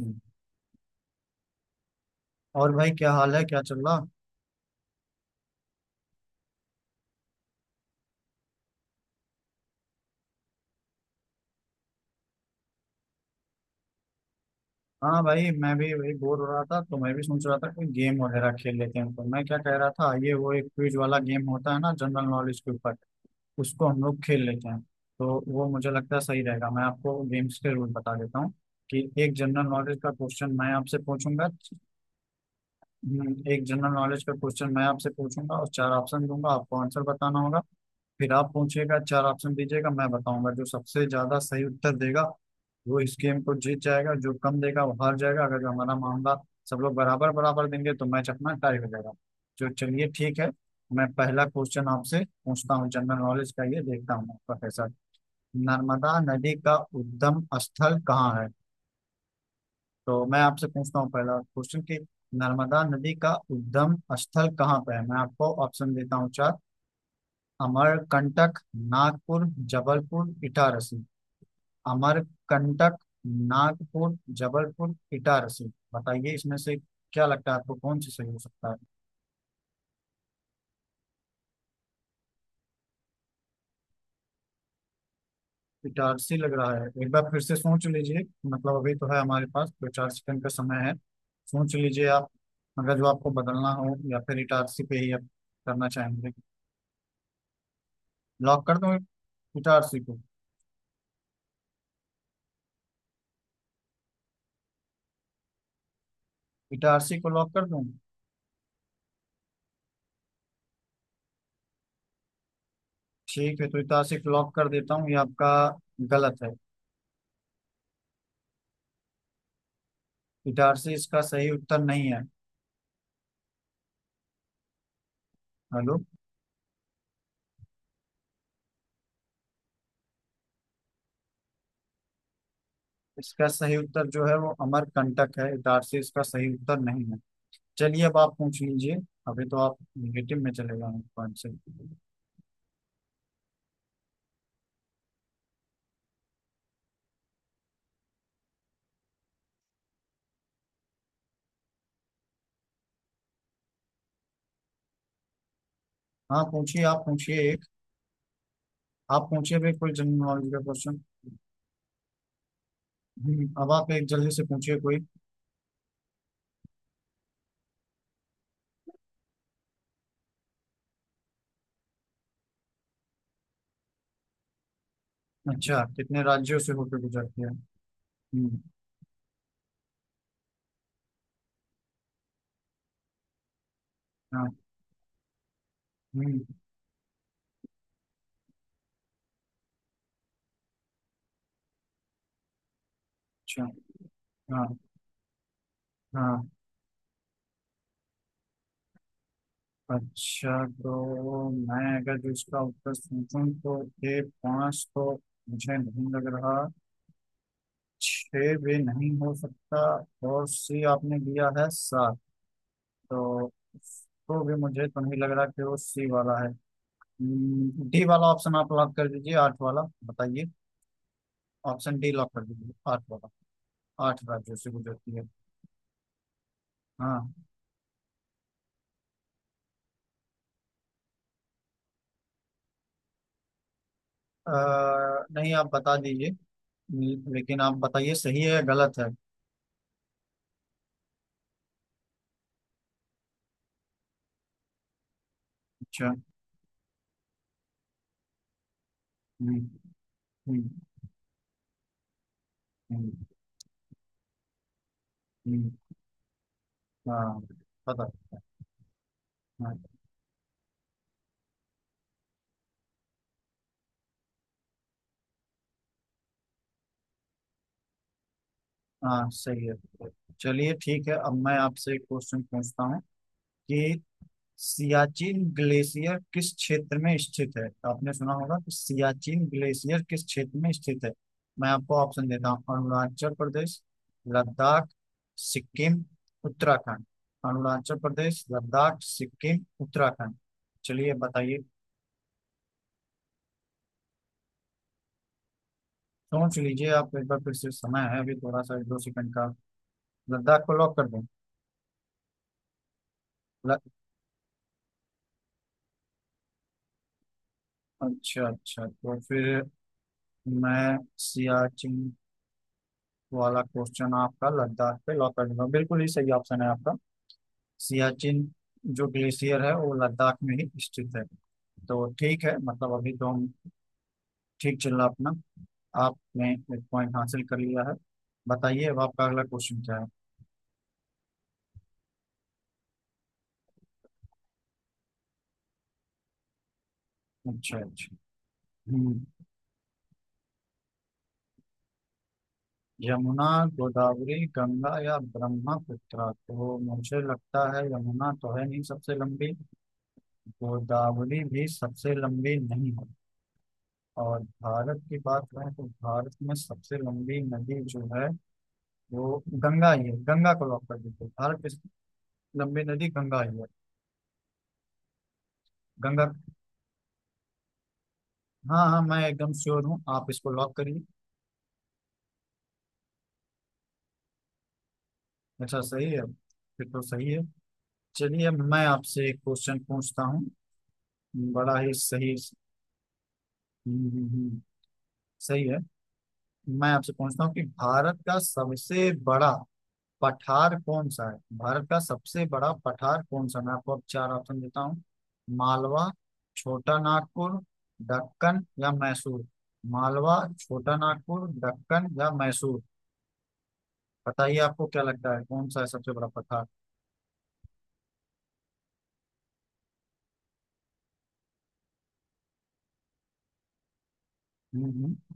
हम्म। और भाई, क्या हाल है? क्या चल रहा? हाँ भाई, मैं भी वही बोर हो रहा था तो मैं भी सोच रहा था कोई गेम वगैरह खेल लेते हैं। तो मैं क्या कह रहा था, ये वो एक क्विज वाला गेम होता है ना, जनरल नॉलेज के ऊपर, उसको हम लोग खेल लेते हैं। तो वो मुझे लगता है सही रहेगा। मैं आपको गेम्स के रूल बता देता हूँ कि एक जनरल नॉलेज का क्वेश्चन मैं आपसे पूछूंगा। एक जनरल नॉलेज का क्वेश्चन मैं आपसे पूछूंगा और चार ऑप्शन दूंगा। आपको आंसर बताना होगा। फिर आप पूछिएगा, चार ऑप्शन दीजिएगा, मैं बताऊंगा। जो सबसे ज्यादा सही उत्तर देगा वो इस गेम को जीत जाएगा, जो कम देगा वो हार जाएगा। अगर जो हमारा मामला, सब लोग बराबर बराबर देंगे तो मैच अपना टाई हो जाएगा। जो चलिए ठीक है, मैं पहला क्वेश्चन आपसे पूछता हूँ जनरल नॉलेज का। ये देखता हूँ आपका कैसा। नर्मदा नदी का उद्गम स्थल कहाँ है? तो मैं आपसे पूछता हूँ पहला क्वेश्चन कि नर्मदा नदी का उद्गम स्थल कहाँ पे है। मैं आपको ऑप्शन देता हूँ चार। अमरकंटक, नागपुर, जबलपुर इटारसी। अमरकंटक, नागपुर, जबलपुर, इटारसी। बताइए इसमें से क्या लगता है आपको कौन सी सही हो सकता है? इटारसी लग रहा है? एक बार फिर से सोच लीजिए। मतलब अभी तो है हमारे पास दो चार सेकंड का समय है। सोच लीजिए आप, अगर जो आपको बदलना हो या फिर इटारसी पे ही आप करना चाहेंगे। लॉक कर दूं इटारसी को? इटारसी को लॉक कर दूं? ठीक है, तो इटारसी को लॉक कर देता हूँ। ये आपका गलत है। इटारसी इसका सही उत्तर नहीं है। हेलो। इसका सही उत्तर जो है वो अमरकंटक है। इटारसी इसका सही उत्तर नहीं है। चलिए अब आप पूछ लीजिए। अभी तो आप निगेटिव में चले गए पॉइंट से। हाँ पूछिए, आप पूछिए एक। आप पूछिए भी कोई जनरल नॉलेज का क्वेश्चन। अब आप एक जल्दी से पूछिए कोई। अच्छा, कितने राज्यों से होकर गुजरती है? हम्म। हाँ। हम्म। अच्छा। हाँ हाँ। अच्छा तो मैं अगर जो इसका उत्तर पूछूं तो ये पाँच तो मुझे नहीं लग रहा, छः भी नहीं हो सकता। और सी आपने लिया है सात, तो उसको भी मुझे तो नहीं लग रहा कि वो सी वाला है। डी वाला ऑप्शन आप लॉक कर दीजिए, आठ वाला। बताइए। ऑप्शन डी लॉक कर दीजिए, आठ वाला। आठ राज्यों से गुजरती है। हाँ। अ, नहीं, आप बता दीजिए। लेकिन आप बताइए सही है या गलत है। अच्छा। हम्म। हम्म। हम्म। हम्म। हाँ। पता। हाँ हाँ, सही है। चलिए ठीक है, अब मैं आपसे एक क्वेश्चन पूछता हूँ कि सियाचिन ग्लेशियर किस क्षेत्र में स्थित है। तो आपने सुना होगा कि सियाचिन ग्लेशियर किस क्षेत्र में स्थित है। मैं आपको ऑप्शन देता हूँ। अरुणाचल प्रदेश, लद्दाख, सिक्किम, उत्तराखंड। अरुणाचल प्रदेश, लद्दाख, सिक्किम, उत्तराखंड। चलिए बताइए। सोच लीजिए आप एक बार फिर से, समय है अभी थोड़ा सा एक दो सेकंड का। लद्दाख को लॉक कर दें? ल... अच्छा अच्छा, तो फिर मैं सियाचिन वाला क्वेश्चन आपका लद्दाख पे लॉक कर दूंगा। बिल्कुल ही सही ऑप्शन है आपका। सियाचिन जो ग्लेशियर है वो लद्दाख में ही स्थित है। तो ठीक है, मतलब अभी तो हम ठीक चल रहा अपना। आपने एक पॉइंट हासिल कर लिया है। बताइए अब आपका अगला क्वेश्चन क्या है? अच्छा अच्छा। हम्म। यमुना, गोदावरी, गंगा या ब्रह्मपुत्र। तो मुझे लगता है यमुना तो है नहीं सबसे लंबी, गोदावरी भी सबसे लंबी नहीं है, और भारत की बात करें तो भारत में सबसे लंबी नदी जो है वो गंगा ही है। गंगा को लॉक कर दीजिए। भारत की सबसे लंबी नदी गंगा ही है। गंगा। हाँ हाँ, मैं एकदम श्योर हूँ, आप इसको लॉक करिए। अच्छा सही है, फिर तो सही है। चलिए अब मैं आपसे एक क्वेश्चन पूछता हूँ। बड़ा ही सही। हम्म, हम्म, हम्म, सही है। मैं आपसे पूछता हूँ कि भारत का सबसे बड़ा पठार कौन सा है। भारत का सबसे बड़ा पठार कौन सा? मैं आपको अब चार ऑप्शन देता हूँ। मालवा, छोटा नागपुर, दक्कन या मैसूर। मालवा, छोटा नागपुर, दक्कन या मैसूर। बताइए आपको क्या लगता है कौन सा है सबसे बड़ा पठार? हम्म हम्म।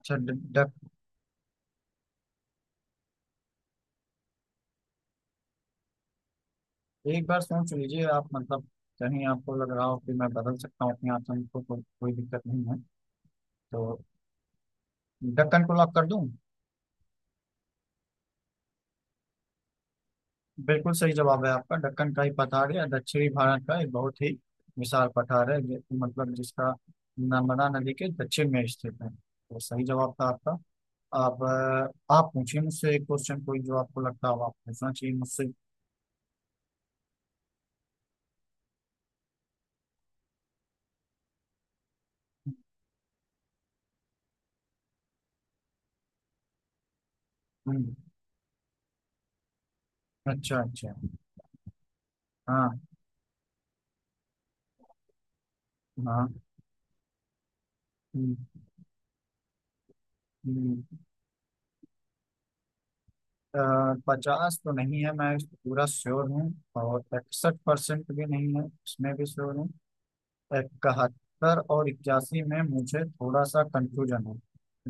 अच्छा। ड- डक एक बार सोच लीजिए आप, मतलब कहीं आपको लग रहा हो कि मैं बदल सकता हूँ अपने आंसर को, कोई दिक्कत नहीं है तो। दक्कन को लॉक कर दूं? बिल्कुल सही जवाब है आपका। दक्कन का ही पठार है, दक्षिणी भारत का एक बहुत ही विशाल पठार है मतलब जिसका नर्मदा नदी के दक्षिण में स्थित है। तो सही जवाब था आपका। अब आप पूछिए मुझसे एक क्वेश्चन कोई जो आपको लगता हो आप पूछना चाहिए मुझसे। हम्म। अच्छा अच्छा। हाँ हाँ। हम्म, हम्म। पचास तो नहीं है, मैं पूरा श्योर हूँ। और 61% भी नहीं है, इसमें भी श्योर हूँ। इकहत्तर और इक्यासी में मुझे थोड़ा सा कंफ्यूजन है।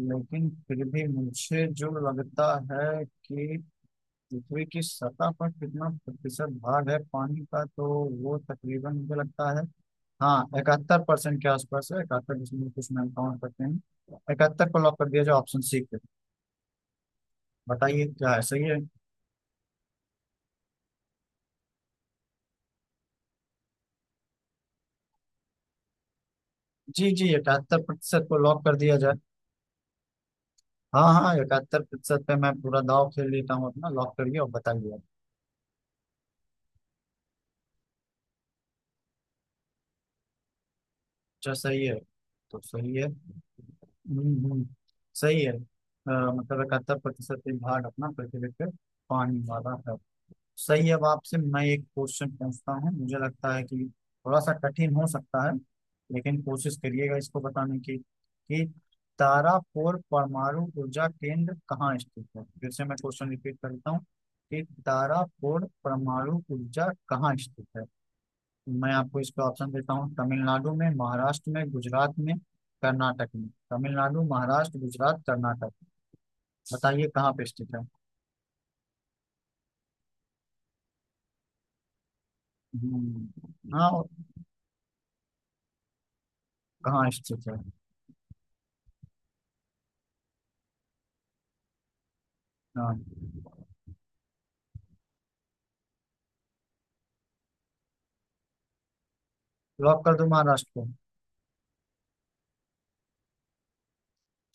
लेकिन फिर भी मुझे जो लगता है कि पृथ्वी की सतह पर कितना प्रतिशत भाग है पानी का, तो वो तकरीबन मुझे लगता है, हाँ 71% के आसपास है। इकहत्तर दशमलव कुछ, मैं काउंट करते हैं। इकहत्तर को लॉक कर दिया जाए ऑप्शन सी पे। बताइए क्या है, सही है? जी जी, 71% को लॉक कर दिया जाए। हाँ हाँ, 71% पे मैं पूरा दाव खेल लेता हूँ अपना। लॉक करिए और बताइए। अच्छा सही है, तो सही है। हम्म हम्म, सही है। मतलब 71% भाग अपना पृथ्वी पे पानी वाला है। सही है। अब आपसे मैं एक क्वेश्चन पूछता हूँ, मुझे लगता है कि थोड़ा सा कठिन हो सकता है, लेकिन कोशिश करिएगा इसको बताने की कि तारापुर परमाणु ऊर्जा केंद्र कहाँ स्थित है। फिर से मैं क्वेश्चन रिपीट करता हूँ कि तारापुर परमाणु ऊर्जा कहाँ स्थित है। मैं आपको इसके ऑप्शन देता हूँ। तमिलनाडु में, महाराष्ट्र में, गुजरात में, कर्नाटक में। तमिलनाडु, महाराष्ट्र, गुजरात, कर्नाटक। बताइए कहाँ पे स्थित है। हम्म। हाँ और? कहाँ स्थित है? हाँ, लॉक कर दो महाराष्ट्र को।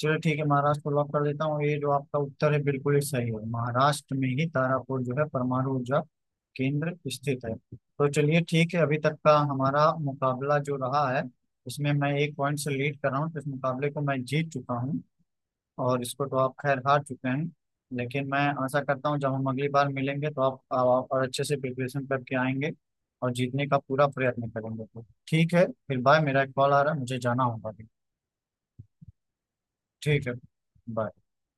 चलो ठीक है, महाराष्ट्र को लॉक कर देता हूँ। ये जो आपका उत्तर है बिल्कुल ही सही है। महाराष्ट्र में ही तारापुर जो है परमाणु ऊर्जा केंद्र स्थित है। तो चलिए ठीक है। अभी तक का हमारा मुकाबला जो रहा है उसमें मैं एक पॉइंट से लीड कर रहा हूँ, तो इस मुकाबले को मैं जीत चुका हूँ। और इसको तो आप खैर हार चुके हैं। लेकिन मैं आशा करता हूँ जब हम अगली बार मिलेंगे तो आप और अच्छे से प्रिपरेशन करके आएंगे और जीतने का पूरा प्रयत्न करेंगे। तो ठीक है, फिर बाय। मेरा एक कॉल आ रहा है, मुझे जाना होगा। ठीक है। bye।